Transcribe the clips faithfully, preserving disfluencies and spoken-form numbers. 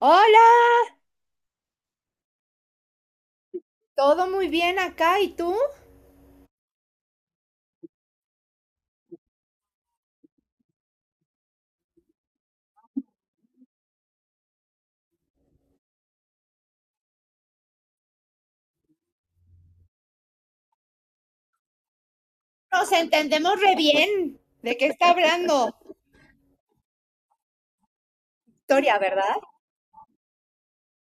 Hola, todo muy bien acá, ¿y tú? Nos entendemos re bien. ¿De qué está hablando? Victoria, ¿verdad?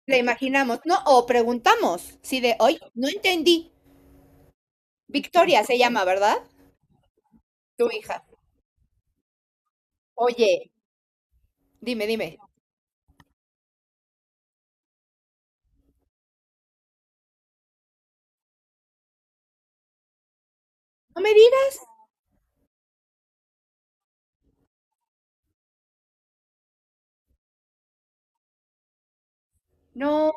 Le imaginamos, ¿no? O preguntamos, sí, de hoy, no entendí. Victoria se llama, ¿verdad? Tu hija. Oye, dime, dime. No me digas. No,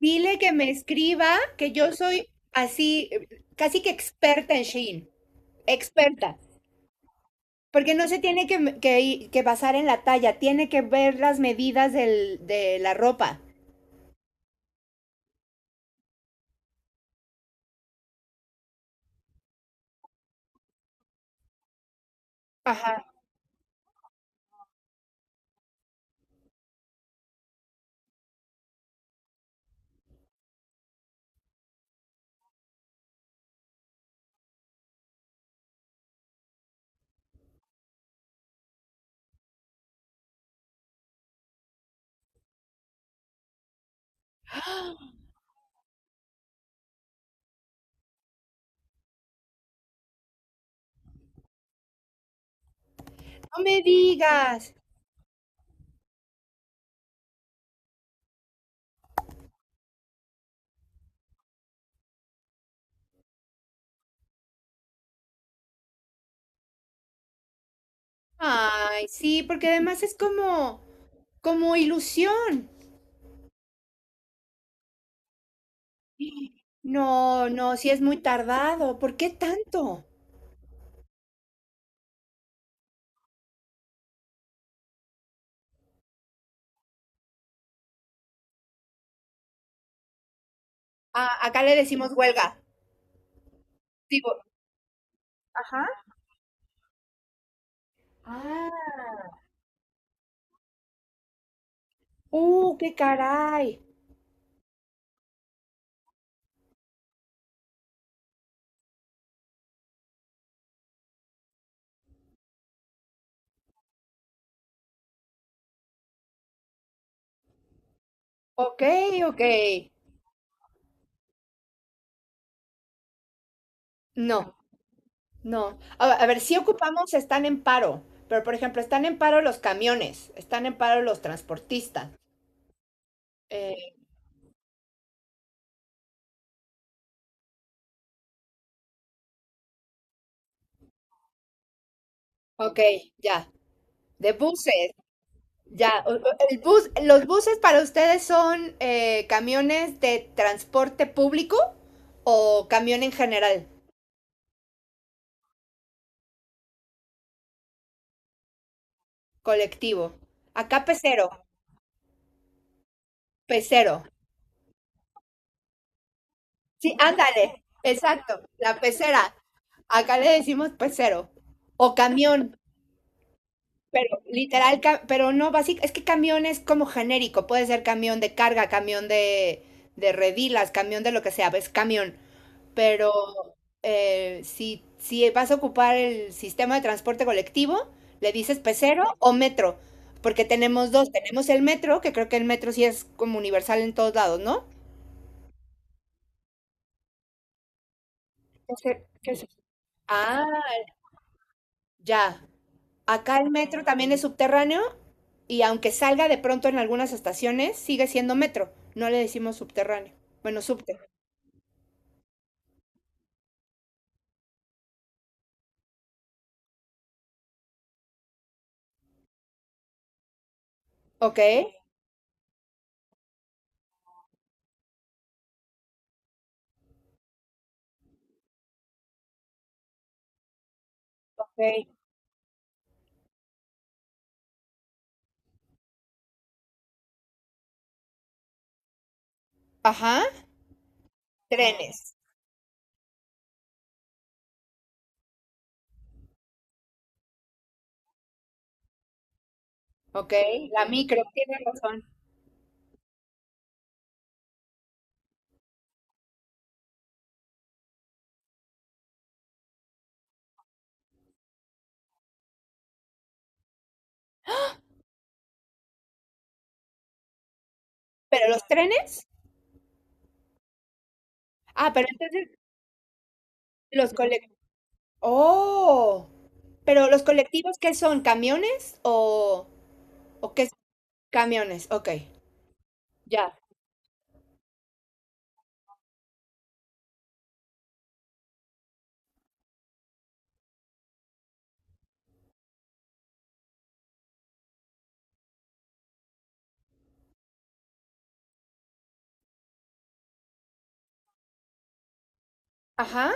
dile que me escriba, que yo soy así, eh, casi que experta en Shein. Experta. Porque no se tiene que, que- que basar en la talla, tiene que ver las medidas del- de la ropa. Ajá, no me digas. Ay, sí, porque además es como, como ilusión. No, no, sí es muy tardado. ¿Por qué tanto? Ah, acá le decimos huelga. Digo, ajá. Ah, uh, qué caray. Ok, ok. No, no. A, a ver, si ocupamos están en paro, pero por ejemplo, están en paro los camiones, están en paro los transportistas. Eh, ok, ya. De buses. Ya, o- o- el bus, los buses para ustedes son eh, camiones de transporte público o camión en general, colectivo. Acá pecero, pecero. Sí, ándale, exacto, la pecera. Acá le decimos pecero o camión, pero literal, ca- pero no básico, es que camión es como genérico, puede ser camión de carga, camión de, de redilas, camión de lo que sea, es camión. Pero eh, si, si vas a ocupar el sistema de transporte colectivo, le dices pecero o metro, porque tenemos dos, tenemos el metro, que creo que el metro sí es como universal en todos lados, ¿no? ¿Qué es- qué es- Ah, ya. Acá el metro también es subterráneo y aunque salga de pronto en algunas estaciones, sigue siendo metro. No le decimos subterráneo. Bueno, subte. Ok. Ok. Ajá. Trenes. Ok. La micro, tiene razón. Pero los trenes. Ah, pero entonces Los colec ¡oh! Pero, ¿los colectivos qué son? ¿Camiones o o qué son? Camiones, okey, ya. Ajá.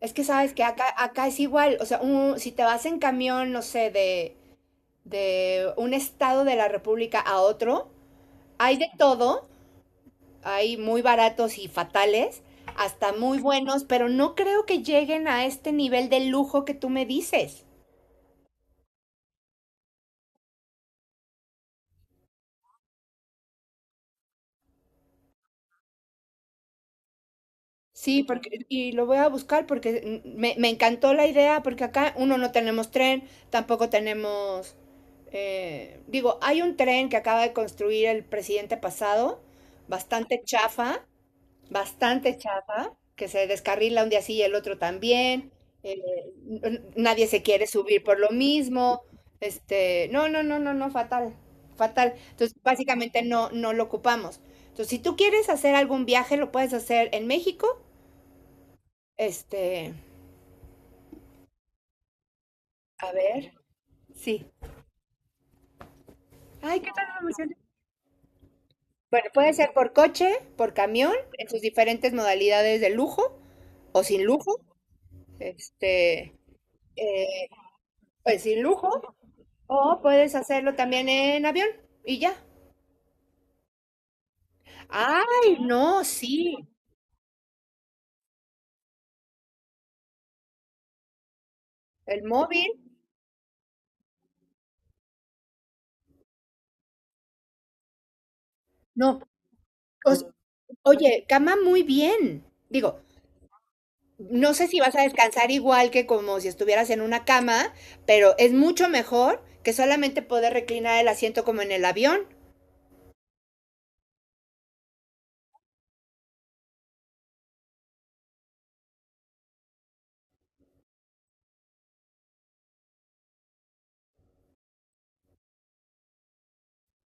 Es que sabes que acá acá es igual, o sea, un si te vas en camión, no sé, de de un estado de la república a otro, hay de todo, hay muy baratos y fatales, hasta muy buenos, pero no creo que lleguen a este nivel de lujo que tú me dices. Sí, porque, y lo voy a buscar porque mm, me, me encantó la idea, porque acá uno no tenemos tren, tampoco tenemos, eh, digo, hay un tren que acaba de construir el presidente pasado, bastante chafa, bastante chafa, que se descarrila un día sí y el otro también, eh, n- nadie se quiere subir por lo mismo, este, no, no, no, no, no, fatal, fatal. Entonces, básicamente no, no lo ocupamos. Entonces, si tú quieres hacer algún viaje, lo puedes hacer en México este, a ver, sí. Ay, qué transformación. Bueno, puede ser por coche, por camión, en sus diferentes modalidades de lujo o sin lujo. Este, eh, pues sin lujo. O puedes hacerlo también en avión y ya. Ay, no, sí. El móvil, no. Os- oye, cama muy bien. Digo, no sé si vas a descansar igual que como si estuvieras en una cama, pero es mucho mejor que solamente poder reclinar el asiento como en el avión.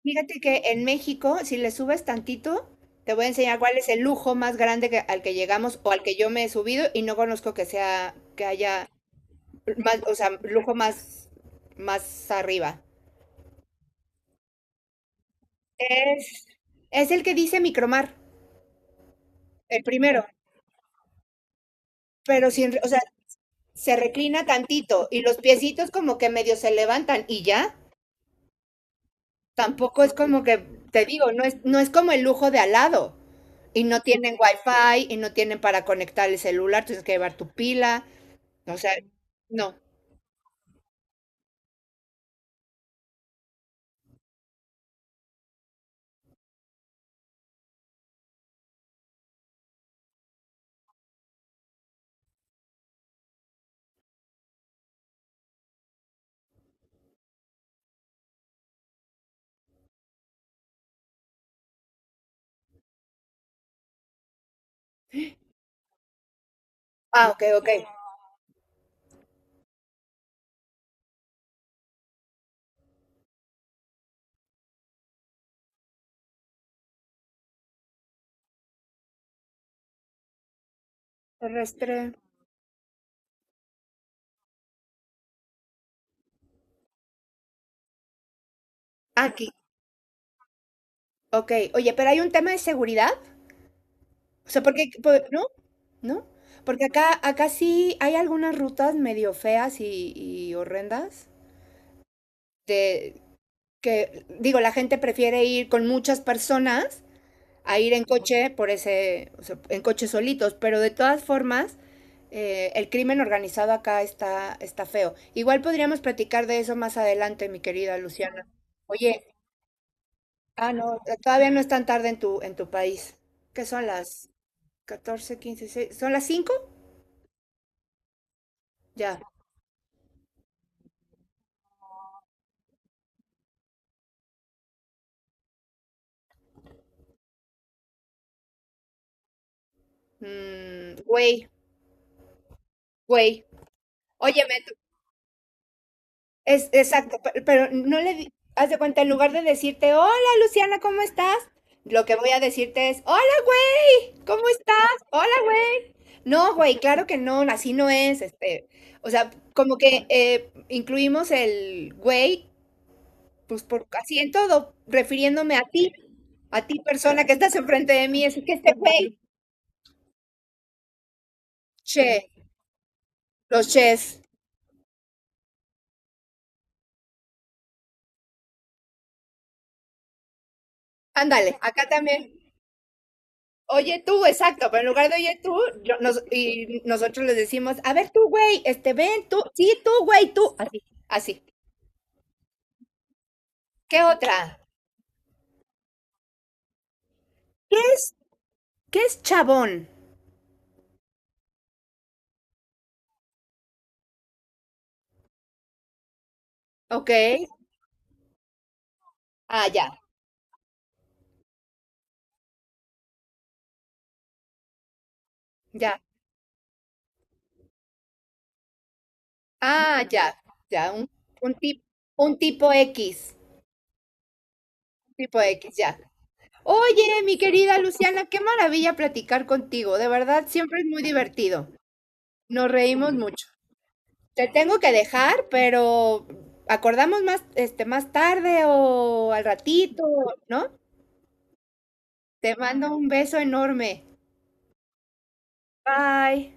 Fíjate que en México, si le subes tantito, te voy a enseñar cuál es el lujo más grande que- al que llegamos o al que yo me he subido y no conozco que sea, que haya más, o sea, lujo más, más arriba. Es, es el que dice micromar, el primero, pero sin, o sea, se reclina tantito y los piecitos como que medio se levantan y ya, tampoco es como que, te digo, no es, no es como el lujo de al lado. Y no tienen wifi y no tienen para conectar el celular, tienes que llevar tu pila. O sea, no. Ah, ok, ok. Terrestre. Aquí, ok. Oye, pero hay un tema de seguridad. O sea, porque, po- ¿no? ¿No? Porque acá, acá sí hay algunas rutas medio feas y, y horrendas. De, que, digo, la gente prefiere ir con muchas personas a ir en coche por ese, o sea, en coches solitos. Pero de todas formas, eh, el crimen organizado acá está, está feo. Igual podríamos platicar de eso más adelante, mi querida Luciana. Oye, ah, no, t- todavía no es tan tarde en tu, en tu país. ¿Qué son las catorce, quince, seis? ¿Son las cinco? Ya. Mm, güey, güey. Óyeme, tú- es exacto, pe- pero, no le di- haz de cuenta, en lugar de decirte, hola Luciana, ¿cómo estás? Lo que voy a decirte es, hola güey, ¿cómo estás? Hola güey. No, güey, claro que no, así no es, este, o sea, como que eh, incluimos el güey pues por así en todo, refiriéndome a ti, a ti persona que estás enfrente de mí, es que este güey, che, los ches, ándale, acá también. Oye tú, exacto, pero en lugar de oye tú, yo, nos, y nosotros les decimos, a ver tú, güey, este, ven tú, sí, tú, güey, tú, así, así. ¿Qué otra? ¿Qué es, qué es chabón? Ok, ah, ya, ya, ah, ya, ya, un, un, tip, un tipo X, tipo X, ya. Oye, mi querida Luciana, qué maravilla platicar contigo. De verdad, siempre es muy divertido. Nos reímos mucho. Te tengo que dejar, pero acordamos más, este, más tarde o al ratito, ¿no? Te mando un beso enorme. Bye.